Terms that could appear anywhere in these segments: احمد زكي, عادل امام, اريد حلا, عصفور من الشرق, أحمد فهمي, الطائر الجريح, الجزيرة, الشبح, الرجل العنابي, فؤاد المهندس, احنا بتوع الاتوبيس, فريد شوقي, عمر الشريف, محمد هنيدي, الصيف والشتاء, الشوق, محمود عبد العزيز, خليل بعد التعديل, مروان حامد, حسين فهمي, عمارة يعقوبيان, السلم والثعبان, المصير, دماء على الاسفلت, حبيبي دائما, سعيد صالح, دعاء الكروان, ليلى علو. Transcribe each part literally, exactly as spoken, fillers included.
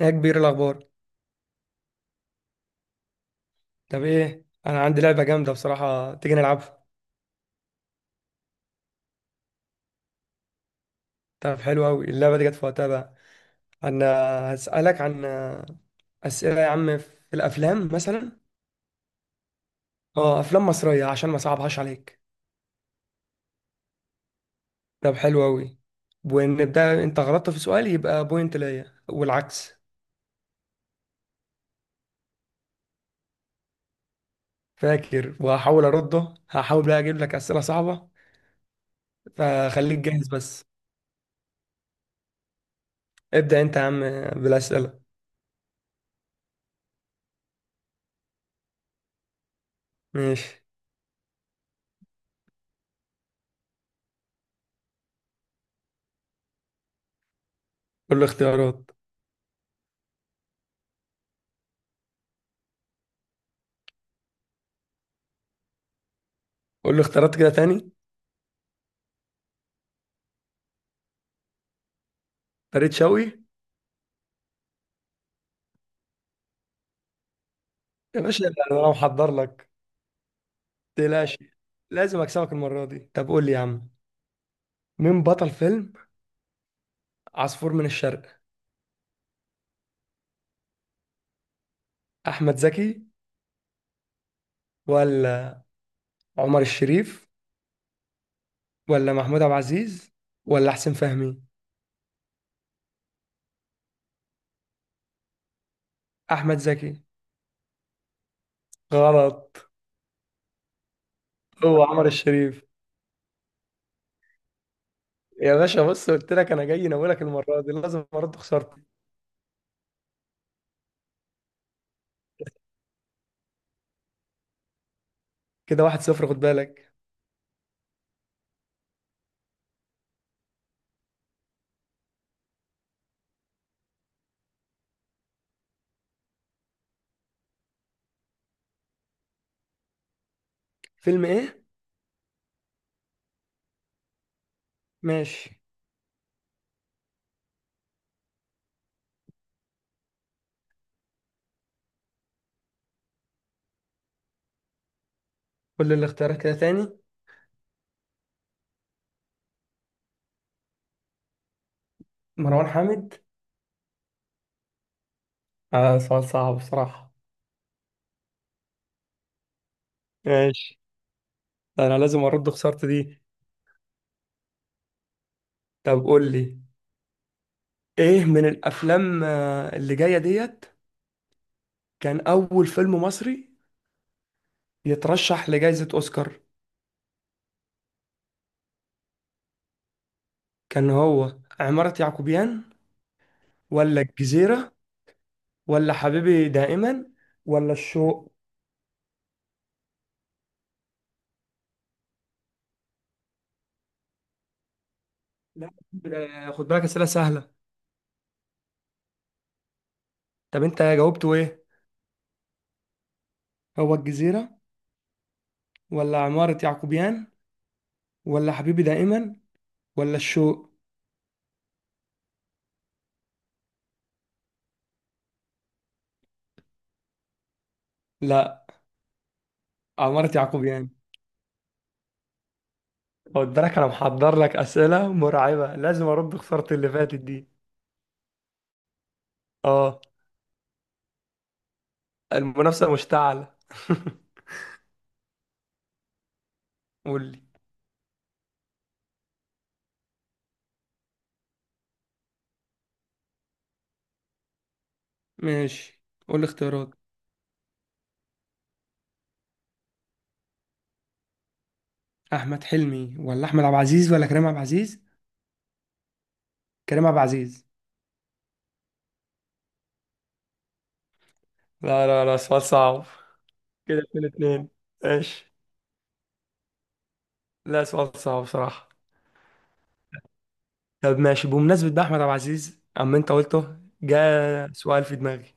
ايه يا كبير الاخبار؟ طب ايه، انا عندي لعبه جامده بصراحه، تيجي نلعبها؟ طب حلو قوي، اللعبه دي جت في وقتها بقى. انا هسالك عن اسئله يا عم في الافلام مثلا. اه افلام مصريه عشان ما صعبهاش عليك. طب حلو قوي ونبدا، انت غلطت في سؤال يبقى بوينت ليا والعكس. فاكر، وهحاول ارده، هحاول بقى اجيب لك اسئله صعبه، فخليك جاهز بس. ابدا انت يا عم بالاسئله. ماشي. قول لي اختيارات. قول لي اختيارات كده تاني. فريد شوقي. يا باشا انا لو محضر لك تقلقش، لازم اكسبك المره دي. طب قول لي يا عم، مين بطل فيلم عصفور من الشرق؟ احمد زكي ولا عمر الشريف ولا محمود عبد العزيز ولا حسين فهمي؟ احمد زكي. غلط، هو عمر الشريف. يا باشا بص قلت لك انا جاي ناولك، المره دي لازم ارد خسارتي. كده واحد صفر، خد بالك. فيلم ايه؟ ماشي. كل الاختيارات كده تاني. مروان حامد. آه سؤال صعب بصراحه. ماشي، انا لازم ارد خسارتي دي. طب قول لي، ايه من الافلام آه، اللي جايه ديت، كان اول فيلم مصري يترشح لجائزه اوسكار؟ كان هو عماره يعقوبيان ولا الجزيره ولا حبيبي دائما ولا الشوق؟ لا، آه، خد بالك اسئله سهله. طب انت جاوبته ايه؟ هو الجزيره ولا عماره يعقوبيان ولا حبيبي دائما ولا الشوق؟ لا، عماره يعقوبيان. خد بالك انا محضر لك اسئله مرعبه، لازم ارد خساره اللي فاتت دي. اه. المنافسة مشتعلة. قول لي. ماشي. قول لي اختيارات. احمد حلمي ولا احمد عبد العزيز ولا كريم عبد العزيز؟ كريم عبد العزيز. لا لا لا، سؤال صعب. كده اتنين اتنين. ماشي. لا سؤال صعب بصراحة. طب ماشي، بمناسبة بقى أحمد عبد العزيز أما أنت قلته، جاء سؤال في دماغي.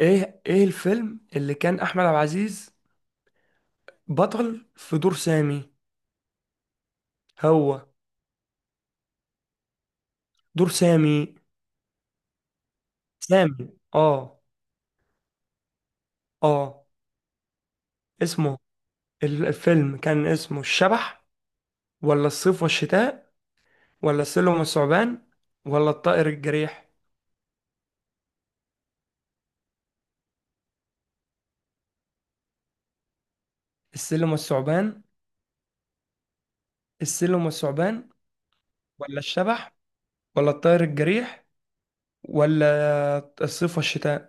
إيه إيه الفيلم اللي كان أحمد عبد العزيز بطل في دور سامي هو؟ دور سامي. سامي. آه. آه. اسمه ال- الفيلم كان اسمه الشبح ولا الصيف والشتاء ولا السلم والثعبان ولا الطائر الجريح؟ السلم والثعبان. السلم والثعبان ولا الشبح ولا الطائر الجريح ولا الصيف والشتاء؟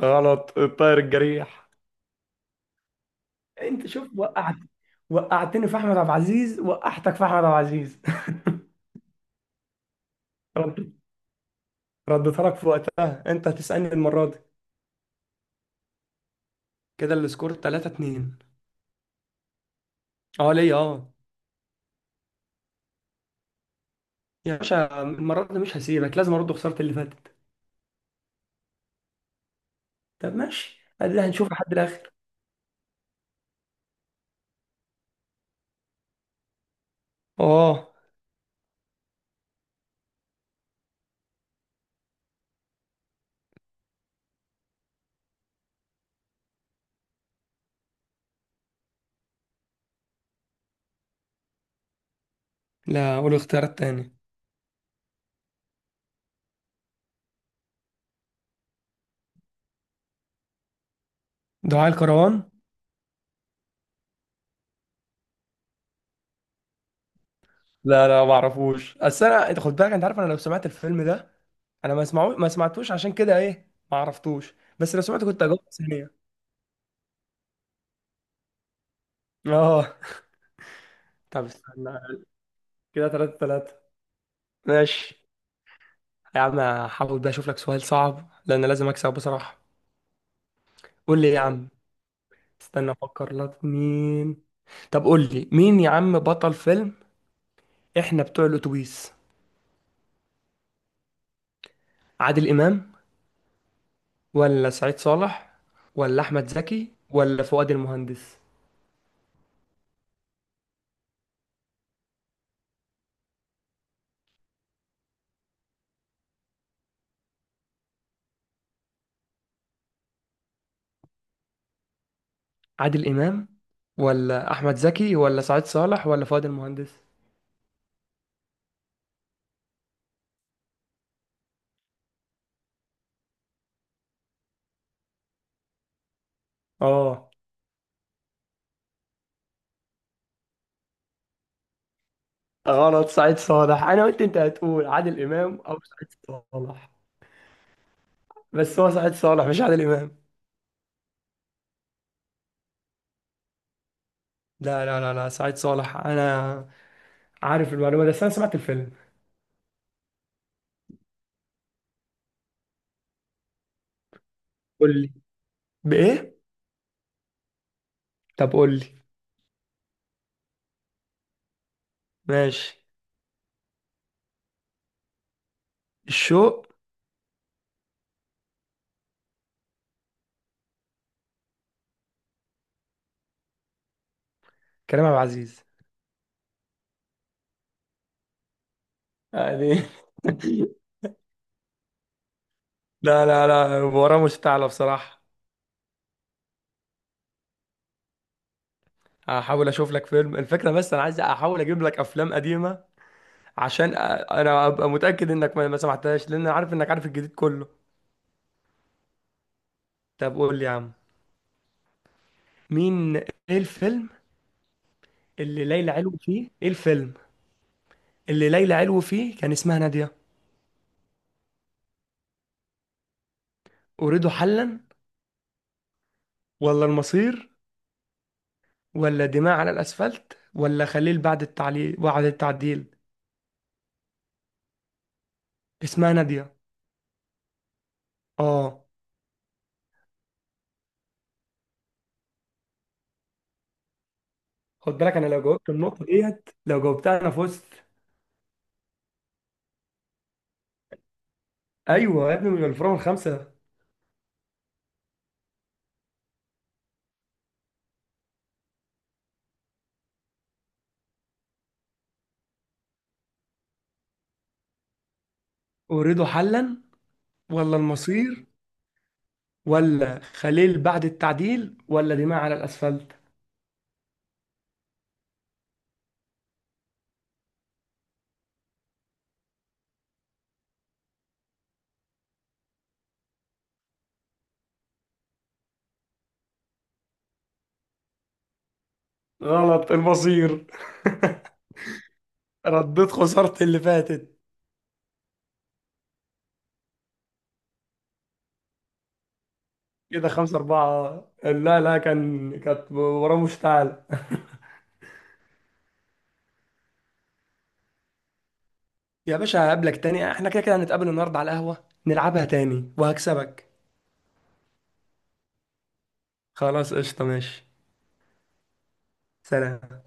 غلط، الطائر الجريح. انت شوف وقعت، وقعتني في احمد عبد العزيز وقعتك في احمد عبد العزيز. رد- رديتها لك في وقتها، انت هتسألني المرة دي. كده السكور تلاتة اتنين. اه ليا اه. يا باشا المرة دي مش هسيبك، لازم ارد خسارة اللي فاتت. طب ماشي، قال لها هنشوف لحد الاخر. اه. لا قول الاختيار التاني. دعاء الكروان. لا لا ما اعرفوش، اصل انا انت خد بالك، انت عارف انا لو سمعت الفيلم ده، انا ما اسمعوش، ما سمعتوش، عشان كده ايه ما عرفتوش، بس لو سمعته كنت اجاوب ثانيه. اه. طب استنى، كده ثلاثة ثلاثة. ماشي يا عم، هحاول بقى اشوف لك سؤال صعب لان لازم اكسب بصراحه. قول لي يا عم، استنى افكر لك مين. طب قول لي مين يا عم بطل فيلم احنا بتوع الاتوبيس؟ عادل امام ولا سعيد صالح ولا احمد زكي ولا فؤاد المهندس؟ عادل امام ولا احمد زكي ولا سعيد صالح ولا فؤاد المهندس؟ اه. غلط، سعيد صالح. انا قلت انت هتقول عادل امام او سعيد صالح، بس هو سعيد صالح مش عادل امام. لا لا لا لا، سعيد صالح، انا عارف المعلومه دي، بس انا سمعت الفيلم. قول لي بايه؟ طب قول لي. ماشي. الشوق. كريم عبد العزيز. يعني. لا لا لا، وراه مستعلى بصراحه. هحاول اشوف لك فيلم، الفكره بس انا عايز احاول اجيب لك افلام قديمه عشان أ- انا ابقى متاكد انك ما ما سمعتهاش، لان انا عارف انك عارف الجديد كله. طب قول لي يا عم، مين ايه الفيلم اللي ليلى علو فيه؟ ايه الفيلم اللي ليلى علو فيه كان اسمها ناديه؟ اريد حلا ولا المصير ولا دماء على الاسفلت ولا خليل بعد التعليل بعد التعديل؟ اسمها ناديه. اه. خد بالك انا لو جاوبت النقطه ديت، لو جاوبتها انا فزت. ايوه يا ابني من الفرن الخمسه. اريد حلا ولا المصير ولا خليل بعد التعديل ولا دماء على الأسفلت؟ غلط، المصير. رديت خسارتي اللي فاتت. كده خمسة أربعة. لا لا، كان كانت وراه مشتعلة. يا باشا هقابلك تاني، احنا كده كده هنتقابل النهاردة على القهوة، نلعبها تاني وهكسبك. خلاص قشطة، ماشي. سلام.